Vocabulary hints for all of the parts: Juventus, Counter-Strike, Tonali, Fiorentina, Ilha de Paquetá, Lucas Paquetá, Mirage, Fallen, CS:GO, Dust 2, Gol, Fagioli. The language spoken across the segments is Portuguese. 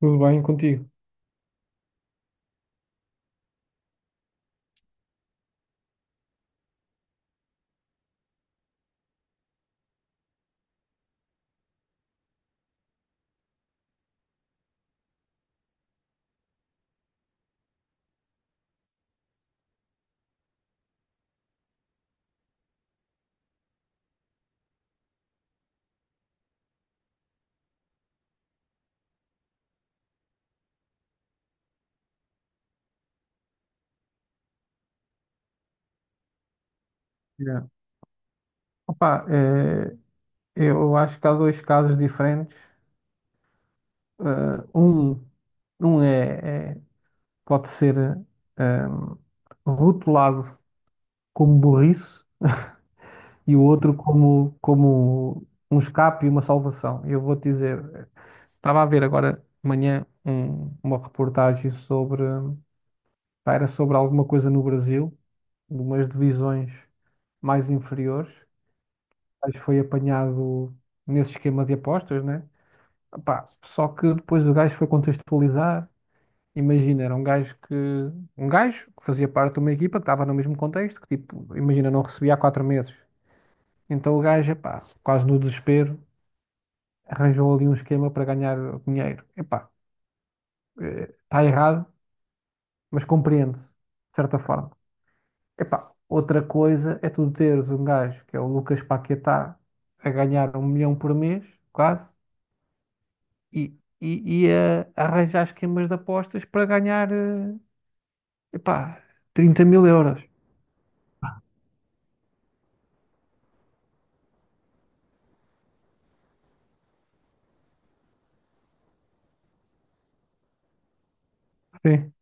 Tudo bem contigo? Yeah. Opa, eu acho que há dois casos diferentes. Eh, um um pode ser eh, rotulado como burrice e o outro como um escape e uma salvação. Eu vou te dizer, estava a ver agora de manhã uma reportagem sobre, pá, era sobre alguma coisa no Brasil, de umas divisões mais inferiores, mas foi apanhado nesse esquema de apostas, né? Pá, só que depois o gajo foi contextualizar. Imagina, era um gajo que. Um gajo que fazia parte de uma equipa que estava no mesmo contexto, que tipo, imagina, não recebia há 4 meses. Então o gajo, epá, quase no desespero, arranjou ali um esquema para ganhar dinheiro. Epá, está errado, mas compreende-se, de certa forma. Epá, outra coisa é tu teres um gajo que é o Lucas Paquetá a ganhar um milhão por mês, quase, e, e a arranjar esquemas de apostas para ganhar. Epá, 30 mil euros. Sim,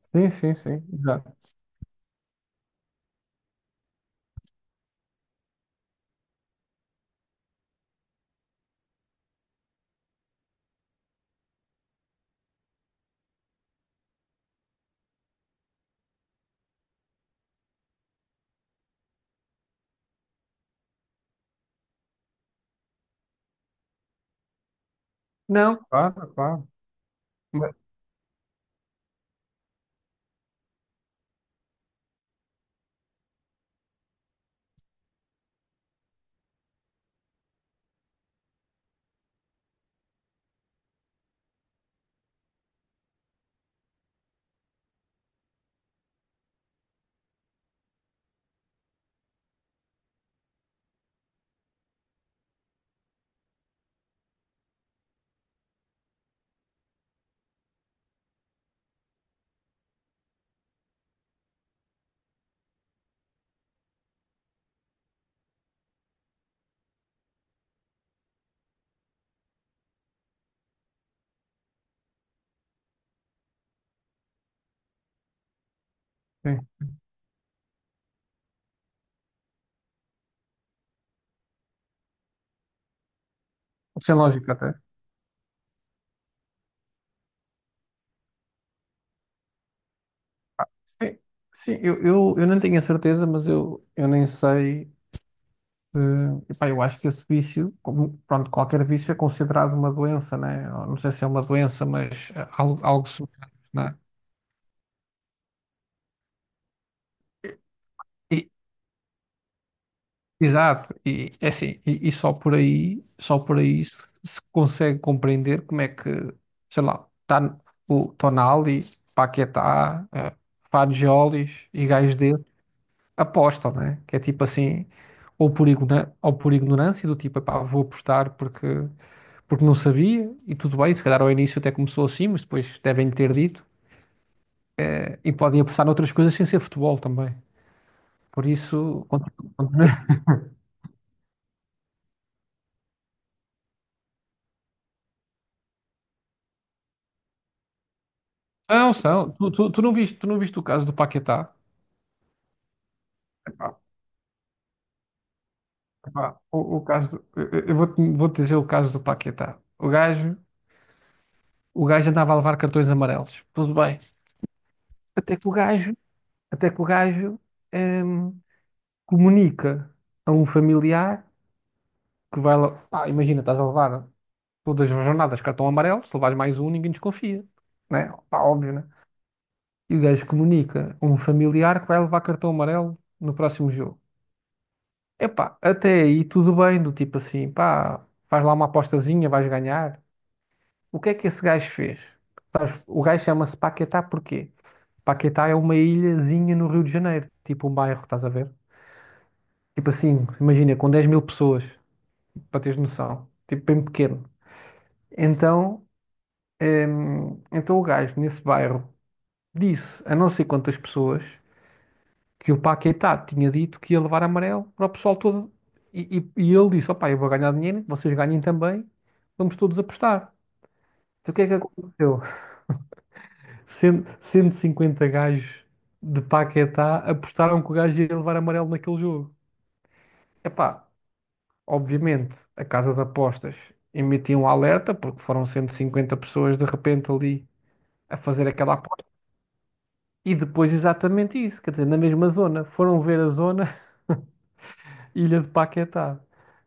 sim, sim, sim. Já. Não, claro, claro. mas- Sim. Sem lógica até. Sim, sim, eu não tenho a certeza, mas eu nem sei. Epá, eu acho que esse vício, como, pronto, qualquer vício é considerado uma doença, né? Eu não sei se é uma doença, mas algo semelhante, né? E, Exato, e é assim, só por aí se consegue compreender como é que, sei lá, tá, o Tonali, Paquetá, Fagiolis e gajos dele apostam, né? Que é tipo assim, ou por ignorância, do tipo, epá, vou apostar porque não sabia, e tudo bem, se calhar ao início até começou assim, mas depois devem ter dito, e podem apostar noutras coisas sem ser futebol também. Por isso, quando- não são. Tu não viste, o caso do Paquetá? Ah, pá, o caso, eu vou dizer o caso do Paquetá. O gajo andava a levar cartões amarelos. Tudo bem. Até que o gajo, até que o gajo hum, comunica a um familiar que vai lá. Pá, imagina, estás a levar todas as jornadas cartão amarelo, se levares mais um, ninguém desconfia. Né? Pá, óbvio, né? E o gajo comunica a um familiar que vai levar cartão amarelo no próximo jogo. Epá, até aí tudo bem, do tipo assim, pá, faz lá uma apostazinha, vais ganhar. O que é que esse gajo fez? Sabes, o gajo chama-se Paquetá porquê? Paquetá é uma ilhazinha no Rio de Janeiro, tipo um bairro, estás a ver? Tipo assim, imagina, com 10 mil pessoas, para teres noção, tipo bem pequeno. Então, então o gajo nesse bairro disse a não sei quantas pessoas que o Paquetá tinha dito que ia levar amarelo para o pessoal todo. E ele disse: opá, eu vou ganhar dinheiro, vocês ganhem também, vamos todos apostar. Então, o que é que aconteceu? 150 gajos de Paquetá apostaram que o gajo ia levar amarelo naquele jogo. Epá, obviamente, a casa de apostas emitiu um alerta, porque foram 150 pessoas de repente ali a fazer aquela aposta. E depois exatamente isso, quer dizer, na mesma zona. Foram ver a zona Ilha de Paquetá.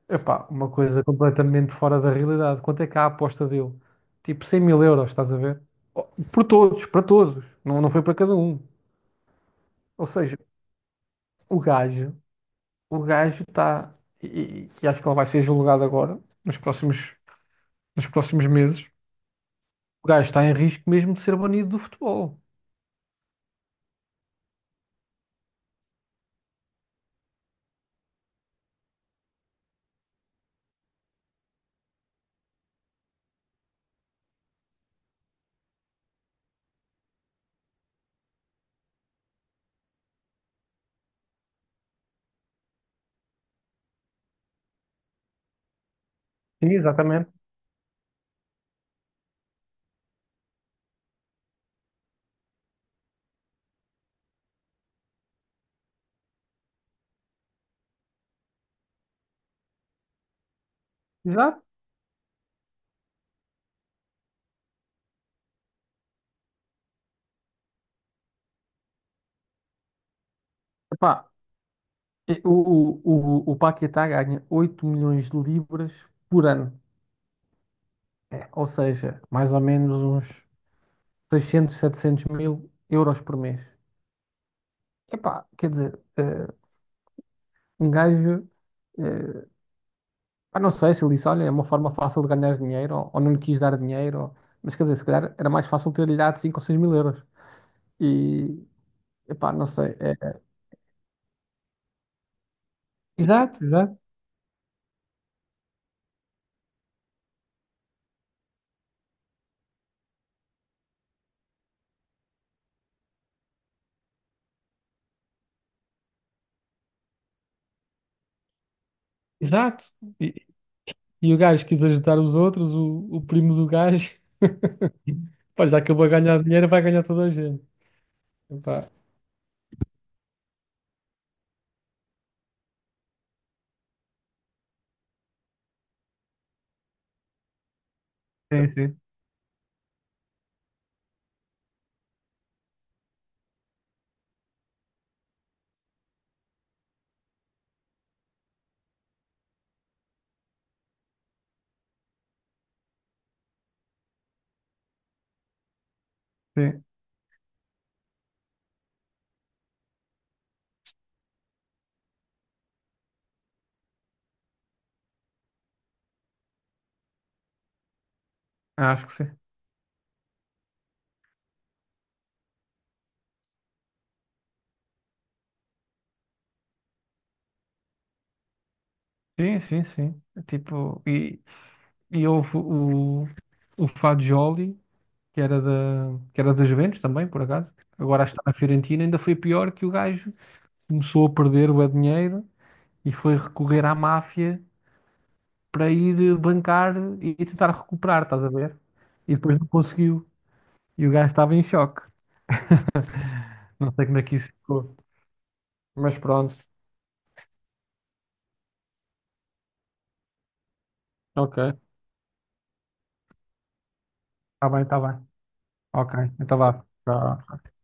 Epá, uma coisa completamente fora da realidade. Quanto é que há a aposta dele? Tipo 100 mil euros, estás a ver? Oh, por todos, para todos. Não, não foi para cada um. Ou seja, o gajo o gajo está. Acho que ele vai ser julgado agora, nos próximos meses, o gajo está em risco mesmo de ser banido do futebol. Sim, exatamente. Exato. Epá, e o, o Paquetá ganha 8 milhões de libras por ano. É, ou seja, mais ou menos uns 600, 700 mil euros por mês. Epá, quer dizer, um gajo eh, ah, não sei se ele disse, olha, é uma forma fácil de ganhar dinheiro, ou não lhe quis dar dinheiro, mas quer dizer, se calhar era mais fácil ter-lhe dado 5 ou 6 mil euros. E, epá, não sei. Exato, exato, exato. E, o gajo quis ajudar os outros, o primo do gajo, pá, já acabou a ganhar dinheiro, vai ganhar toda a gente. Epá. Sim, sim, sim. Acho que sim. Sim, sim, sim. Tipo, houve o Fagioli, que era da Juventus também, por acaso. Agora está na Fiorentina, ainda foi pior que o gajo começou a perder o dinheiro e foi recorrer à máfia para ir bancar e tentar recuperar, estás a ver? E depois não conseguiu. E o gajo estava em choque. Não sei como é que isso ficou. Mas pronto. Ok. Está bem, está bem. Ok. Então vá. Tchau.